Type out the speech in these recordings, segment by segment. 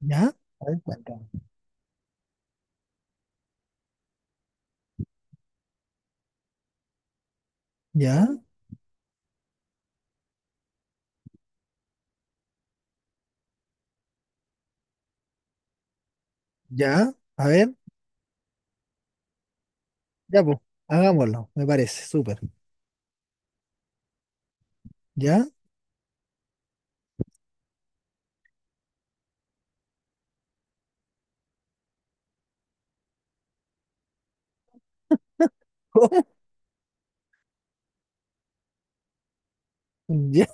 Ya, a ver, cuéntame. Ya, ya, a ver, ya, pues, hagámoslo, me parece, súper. ¿Ya? ¿Cómo? Ya,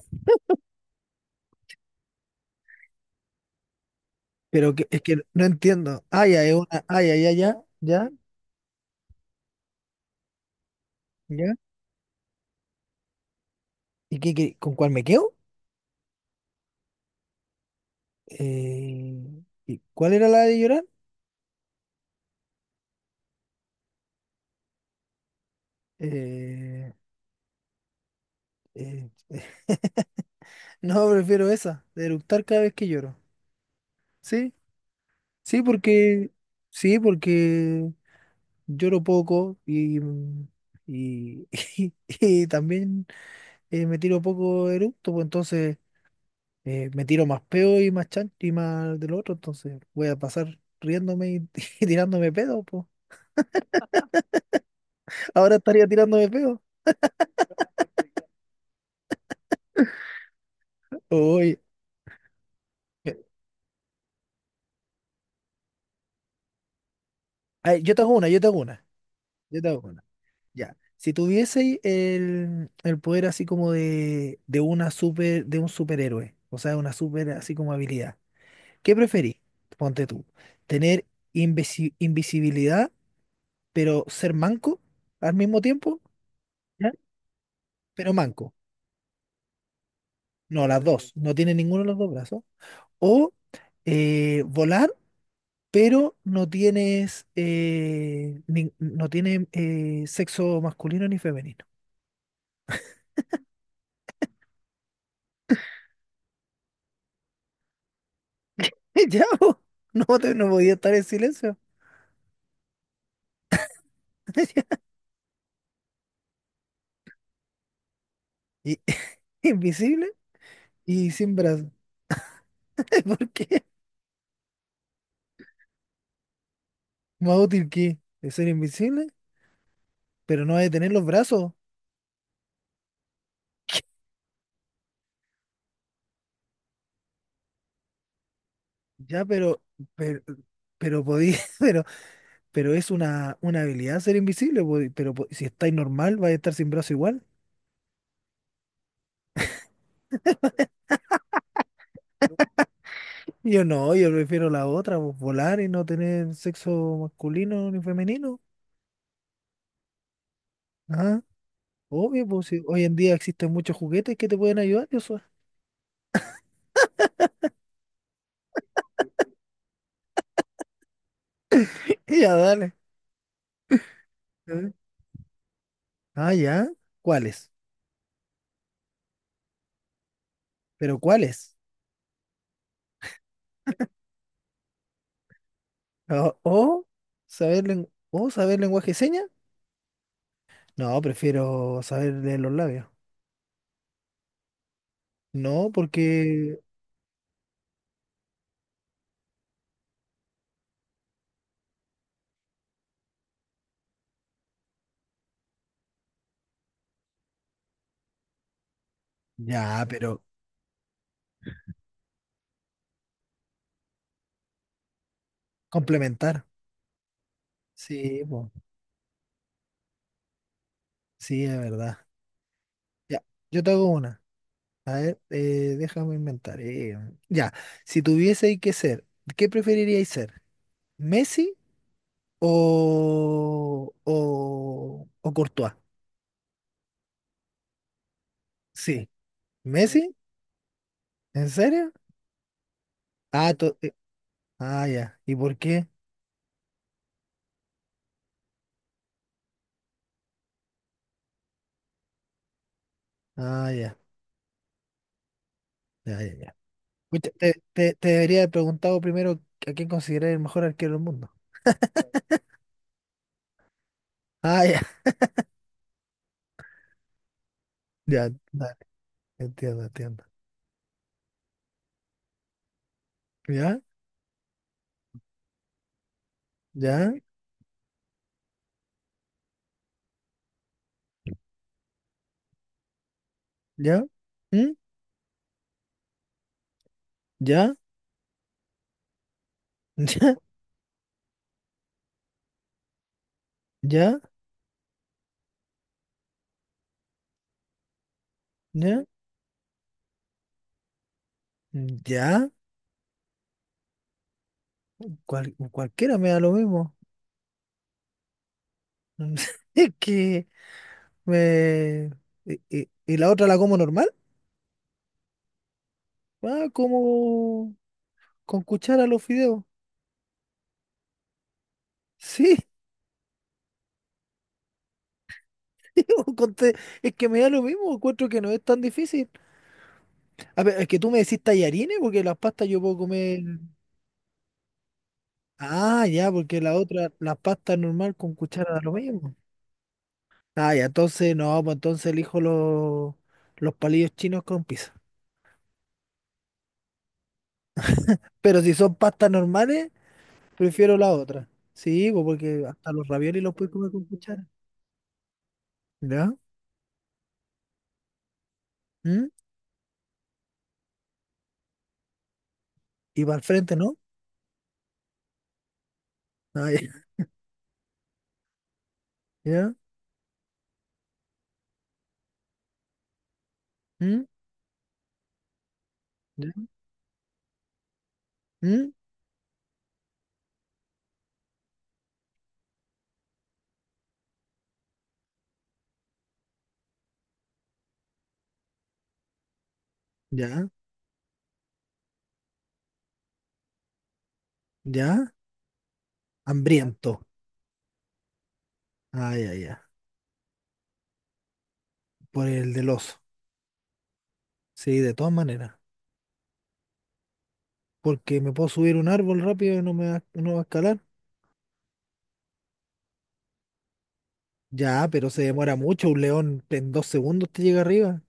pero que, es que no entiendo. Ah, ya, es una, ah, ya, ya, ya, ya, ya. ¿Y con cuál me quedo? ¿Y cuál era la de llorar? Eh, eh, no, prefiero esa, de eructar cada vez que lloro. ¿Sí? Sí, porque, sí, porque lloro poco y, y, también me tiro poco eructo, pues entonces me tiro más peo y más chan y más del otro, entonces voy a pasar riéndome y, y tirándome pedo, pues. Ahora estaría tirándome pedo. Oye, eh, ay, yo te hago una, yo te hago una, yo te hago una. Ya. Si tuviese el poder así como de un superhéroe, o sea, una super así como habilidad, ¿qué preferís? Ponte tú, tener invisibilidad, pero ser manco al mismo tiempo, ¿ya? Pero manco. No, las dos. No tiene ninguno de los dos brazos. O volar, pero no tiene sexo masculino ni femenino. Ya, po. No, no podía estar en silencio. Y- invisible y sin brazos. ¿Por qué? Más útil que es ser invisible, pero no hay de tener los brazos. Ya, pero, pero podí- pero, pero es una habilidad ser invisible, po, pero si estáis normal, vais a estar sin brazo igual. Yo no, yo prefiero la otra, pues, volar y no tener sexo masculino ni femenino. Ah, obvio, pues si hoy en día existen muchos juguetes que te pueden ayudar, yo soy. Ya, dale. ¿Eh? Ah, ya. ¿Cuáles? ¿Pero cuáles? ¿O saber lenguaje de señas? No, prefiero saber leer los labios. No, porque... Ya, pero complementar. Sí, pues, sí, es verdad. Ya, yo te hago una. A ver, déjame inventar. Ya, si tuviese que ser, ¿qué preferiríais ser? ¿Messi o Courtois? Sí. ¿Messi? ¿En serio? Ah, ah, ya. ¿Y por qué? Ah, ya, ya, ya, ya. Pucha, te debería haber preguntado primero a quién considerar el mejor arquero del mundo. Ah, ya, ya, dale, entiendo, entiendo. ¿Ya? ¿Ya? ¿Ya? ¿Mm? ¿Ya? ¿Ya? ¿Ya? ¿Ya? ¿Ya? Cualquiera me da lo mismo. Es que me... Y la otra la como normal? Ah, como con cuchara los fideos. Sí, sí, es que me da lo mismo, encuentro que no es tan difícil. A ver, es que tú me decís tallarines porque las pastas yo puedo comer... Ah, ya, porque la otra, las pastas normal con cuchara da lo mismo. Ah, ya, entonces no, pues entonces elijo los palillos chinos con pizza. Pero si son pastas normales... Prefiero la otra. Sí, pues porque hasta los raviolis los puedes comer con cuchara. ¿Ya? ¿Mm? Y para el frente, ¿no? Ah, ya. ¿Ya? ¿Mm? ¿Ya? ¿Mm? ¿Ya? ¿Ya? Hambriento. Ah, ya, ya. Por el del oso. Sí, de todas maneras. Porque me puedo subir un árbol rápido y no me va, no va a escalar. Ya, pero se demora mucho. Un león en 2 segundos te llega arriba.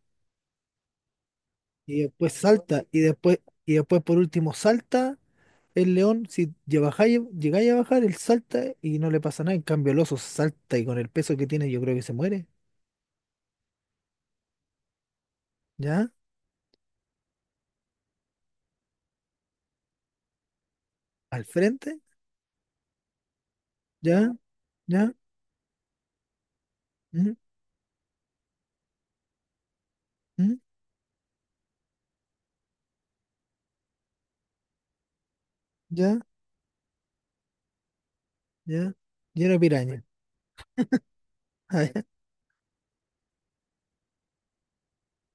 Y después salta. Y después por último salta. El león, si ya llegáis a bajar, él salta y no le pasa nada. En cambio, el oso salta y con el peso que tiene, yo creo que se muere. ¿Ya? Al frente. ¿Ya? ¿Ya? ¿Mm? ¿Mm? ¿Ya? ¿Ya? Y una piraña. Ah, ¿ya?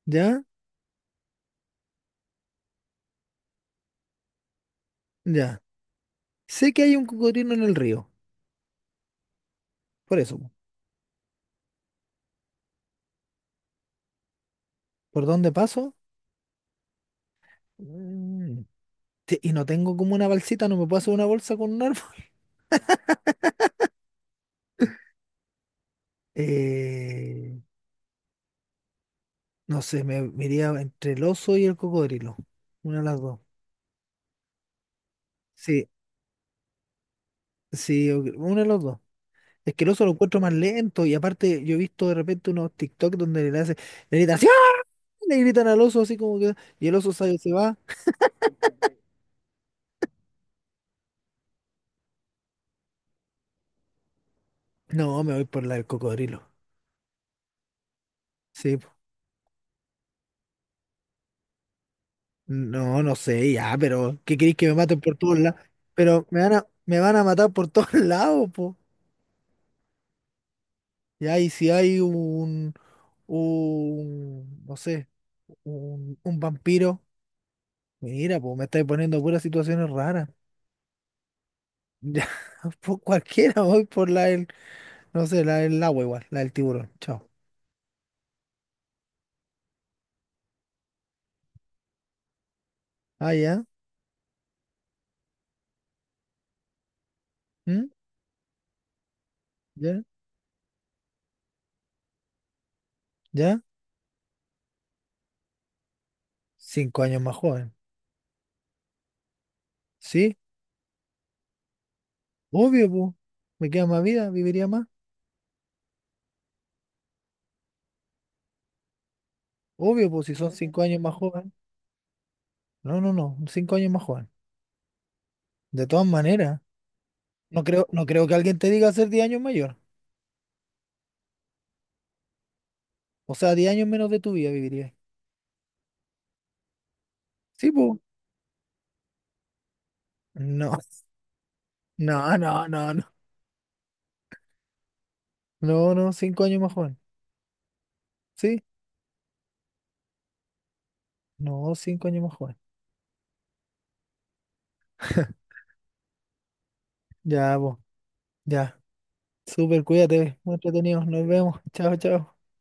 ¿Ya? ¿Ya? Sé que hay un cocodrilo en el río. Por eso. ¿Por dónde paso? Mm, y no tengo como una balsita, no me puedo hacer una bolsa con un árbol. Eh, no sé, me iría entre el oso y el cocodrilo. Una de las dos. Sí, sí, ok, una de las dos. Es que el oso lo encuentro más lento y aparte yo he visto de repente unos TikTok donde le hacen, le gritan, ¡sí! ¡Ah! Le gritan al oso así como que, y el oso sale, se va. No, me voy por la del cocodrilo. Sí, po. No, no sé, ya, pero ¿qué queréis que me maten por todos lados? Pero me van a matar por todos lados, po. Ya, y si hay no sé, un vampiro, mira, pues me estáis poniendo puras situaciones raras. Ya, por cualquiera voy por la del. No sé, la del agua igual, la del tiburón. Chao. Ah, ya. ¿Mm? ¿Ya? ¿Ya? 5 años más joven. Sí, obvio, pues. Me queda más vida, viviría más. Obvio, pues, si son 5 años más joven. No, no, no, 5 años más joven. De todas maneras, no creo que alguien te diga ser 10 años mayor. O sea, 10 años menos de tu vida viviría. Sí, pues. No, no, no, no, no. No, no, cinco años más joven. Sí, no, 5 años más joven. Ya, pues, ya. Súper, cuídate, muy entretenido. Nos vemos. Chao, chao.